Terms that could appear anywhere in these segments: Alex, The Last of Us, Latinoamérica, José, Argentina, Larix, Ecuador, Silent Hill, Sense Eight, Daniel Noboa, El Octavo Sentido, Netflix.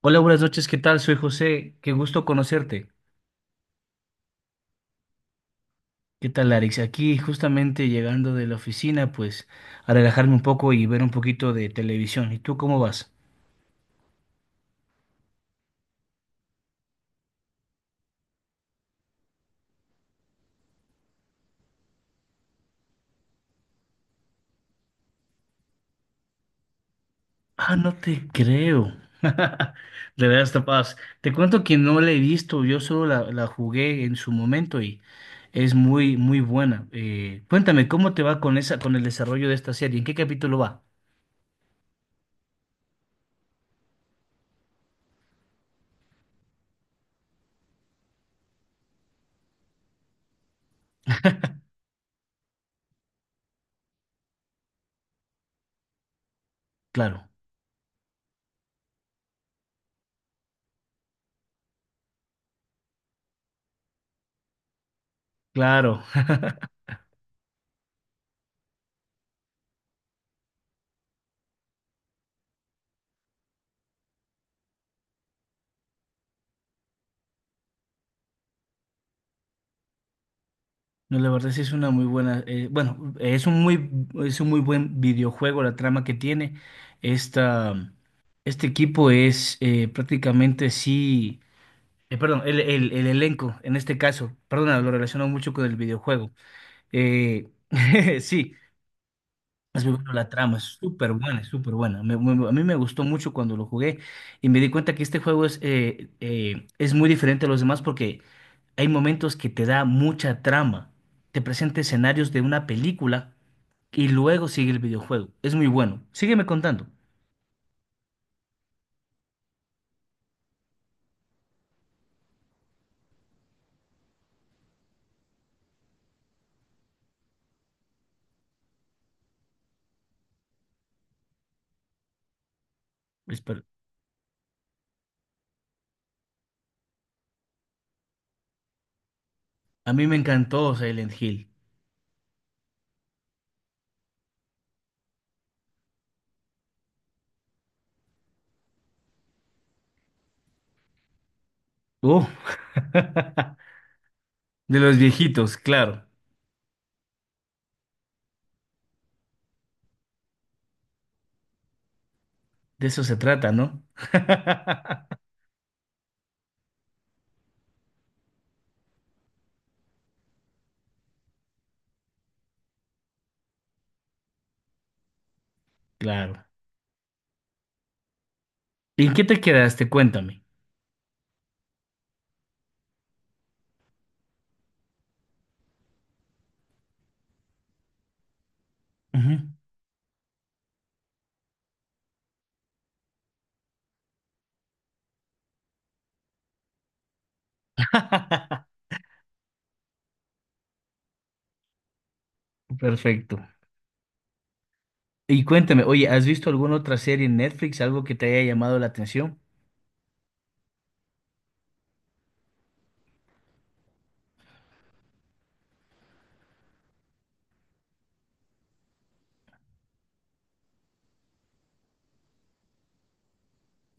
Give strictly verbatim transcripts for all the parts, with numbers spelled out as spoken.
Hola, buenas noches, ¿qué tal? Soy José, qué gusto conocerte. ¿Qué tal, Alex? Aquí justamente llegando de la oficina, pues a relajarme un poco y ver un poquito de televisión. ¿Y tú cómo vas? Ah, no te creo. De veras, capaz. Te cuento que no la he visto, yo solo la, la jugué en su momento y es muy, muy buena. Eh, cuéntame, ¿cómo te va con esa, con el desarrollo de esta serie? ¿En qué capítulo va? Claro, claro. No, la verdad sí es una muy buena, eh, bueno, es un muy, es un muy buen videojuego la trama que tiene. Esta, este equipo es eh, prácticamente sí, eh, perdón, el, el, el elenco en este caso, perdona, lo relaciono mucho con el videojuego. Eh, sí, es muy bueno la trama, es súper buena, es súper buena. Me- me- a mí me gustó mucho cuando lo jugué y me di cuenta que este juego es, eh, eh, es muy diferente a los demás porque hay momentos que te da mucha trama. Te presenta escenarios de una película y luego sigue el videojuego. Es muy bueno. Sígueme contando. Espera. A mí me encantó Silent Hill. Uh, de los viejitos, claro. De eso se trata, ¿no? Claro. ¿Y en qué te quedaste? Cuéntame. Ujú. Perfecto. Y cuéntame, oye, ¿has visto alguna otra serie en Netflix, algo que te haya llamado la atención?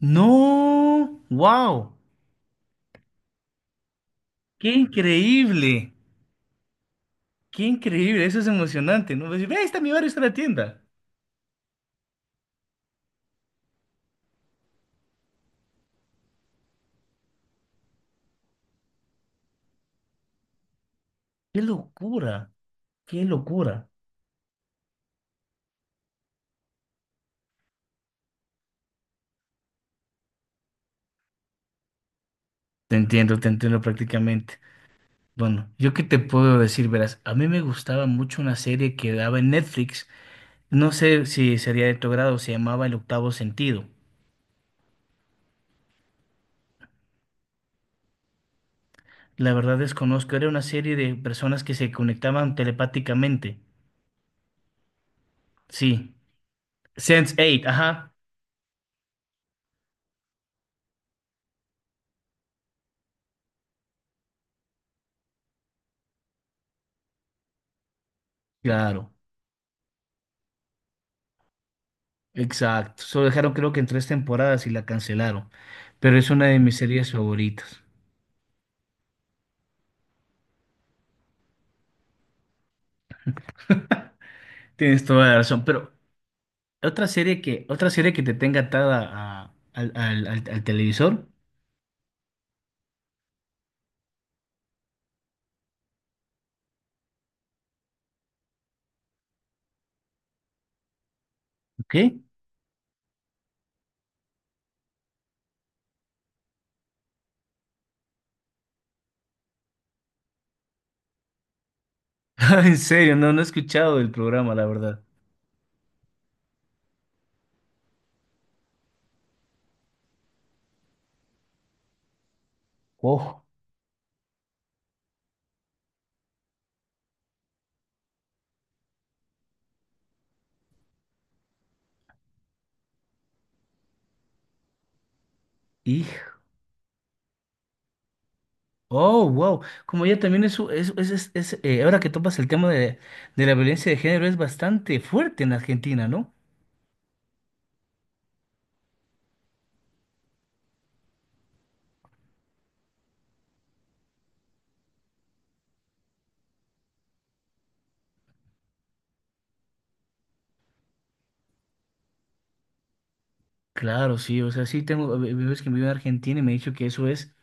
No, wow, qué increíble, qué increíble, eso es emocionante, ¿no? Ves, ve, ahí está mi barrio, está la tienda. Qué locura, qué locura. Te entiendo, te entiendo prácticamente. Bueno, yo qué te puedo decir, verás, a mí me gustaba mucho una serie que daba en Netflix, no sé si sería de tu grado, se llamaba El Octavo Sentido. La verdad desconozco, era una serie de personas que se conectaban telepáticamente. Sí, sense eight, ajá. Claro, exacto. Solo dejaron creo que en tres temporadas y la cancelaron. Pero es una de mis series favoritas. Tienes toda la razón. Pero otra serie que, otra serie que te tenga atada a- al, al- al- al televisor, ¿qué? En serio, no, no he escuchado del programa, la verdad. Oh, hijo. Oh, wow. Como ya también es, es, es, es- es, eh, ahora que topas el tema de, de la violencia de género, es bastante fuerte en Argentina, ¿no? Claro, sí, o sea, sí tengo amigos que viven en Argentina y me ha dicho que eso es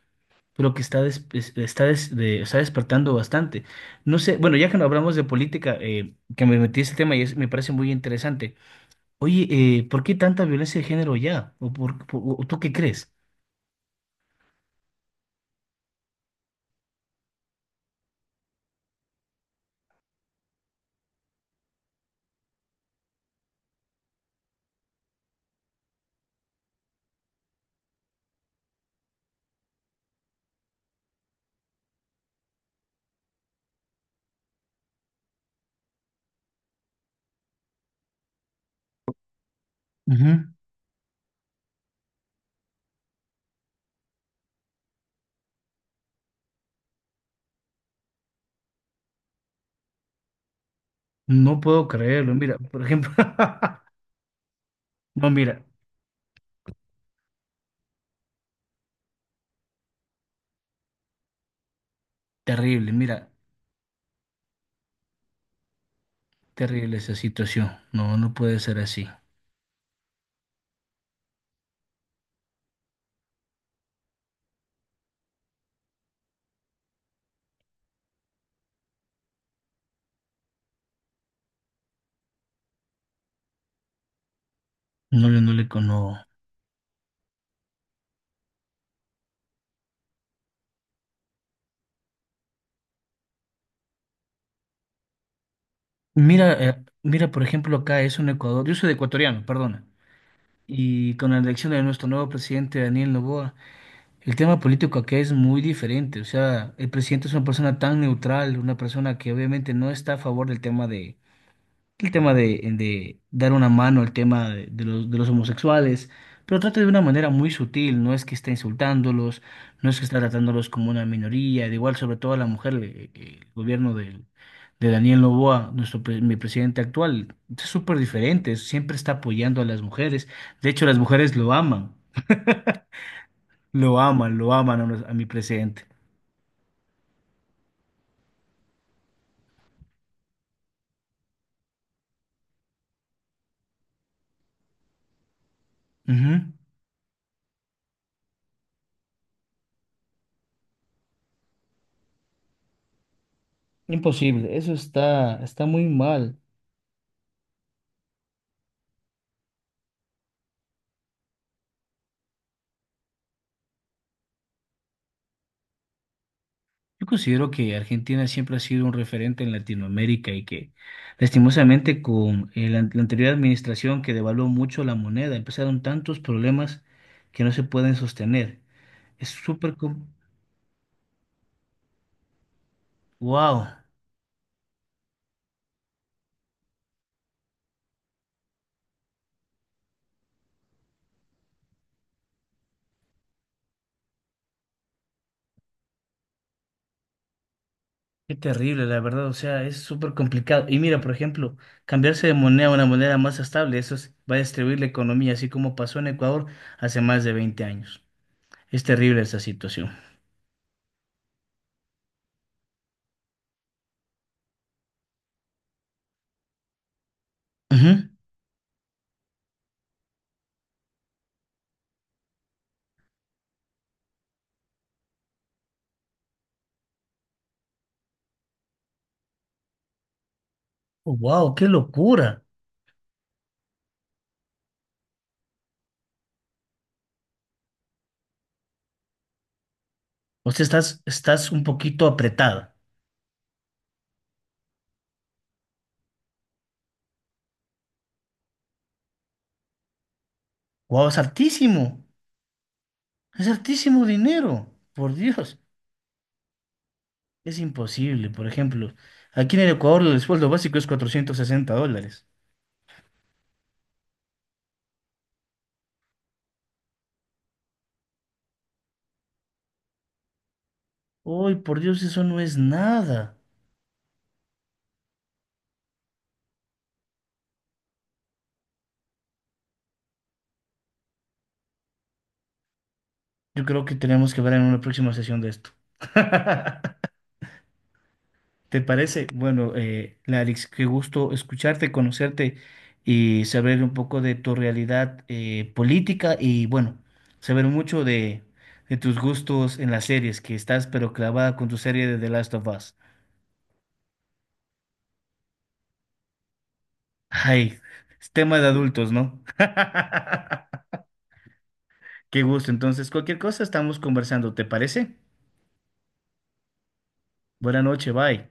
lo que está, des- es- está, des- de- está despertando bastante. No sé, bueno, ya que no hablamos de política, eh, que me metí en este tema y es- me parece muy interesante. Oye, eh, ¿por qué tanta violencia de género ya? ¿O por, por- o tú qué crees? Ujú. No puedo creerlo, mira, por ejemplo, no, mira, terrible, mira, terrible esa situación. No, no puede ser así. No le, no le, con- no. Mira, eh, mira, por ejemplo, acá es un Ecuador, yo soy de ecuatoriano, perdona. Y con la elección de nuestro nuevo presidente Daniel Noboa, el tema político acá es muy diferente. O sea, el presidente es una persona tan neutral, una persona que obviamente no está a favor del tema de, el tema de, de dar una mano al tema de, de los, de los homosexuales, pero trata de una manera muy sutil, no es que está insultándolos, no es que está tratándolos como una minoría, de igual sobre todo a la mujer, le- el gobierno del- de Daniel Noboa, nuestro pre- mi presidente actual, es súper diferente, siempre está apoyando a las mujeres, de hecho las mujeres lo aman, lo aman, lo aman a, nos- a mi presidente. Ujú. Imposible, eso está, está muy mal. Yo considero que Argentina siempre ha sido un referente en Latinoamérica y que lastimosamente con eh, la, la anterior administración que devaluó mucho la moneda, empezaron tantos problemas que no se pueden sostener. Es súper... ¡Wow! Qué terrible, la verdad. O sea, es súper complicado. Y mira, por ejemplo, cambiarse de moneda a una moneda más estable, eso es- va a destruir la economía, así como pasó en Ecuador hace más de veinte años. Es terrible esa situación. ¡Wow! ¡Qué locura! O sea, estás, estás un poquito apretada. Guau, es altísimo. Es altísimo dinero. Por Dios. Es imposible. Por ejemplo, aquí en el Ecuador el sueldo básico es cuatrocientos sesenta dólares. Uy, por Dios, eso no es nada. Yo creo que tenemos que ver en una próxima sesión de esto. ¿Te parece? Bueno, eh, Larix, qué gusto escucharte, conocerte y saber un poco de tu realidad eh, política y bueno, saber mucho de, de tus gustos en las series, que estás pero clavada con tu serie de The Last of Us. Ay, es tema de adultos, ¿no? Qué gusto. Entonces, cualquier cosa estamos conversando, ¿te parece? Buena noche, bye.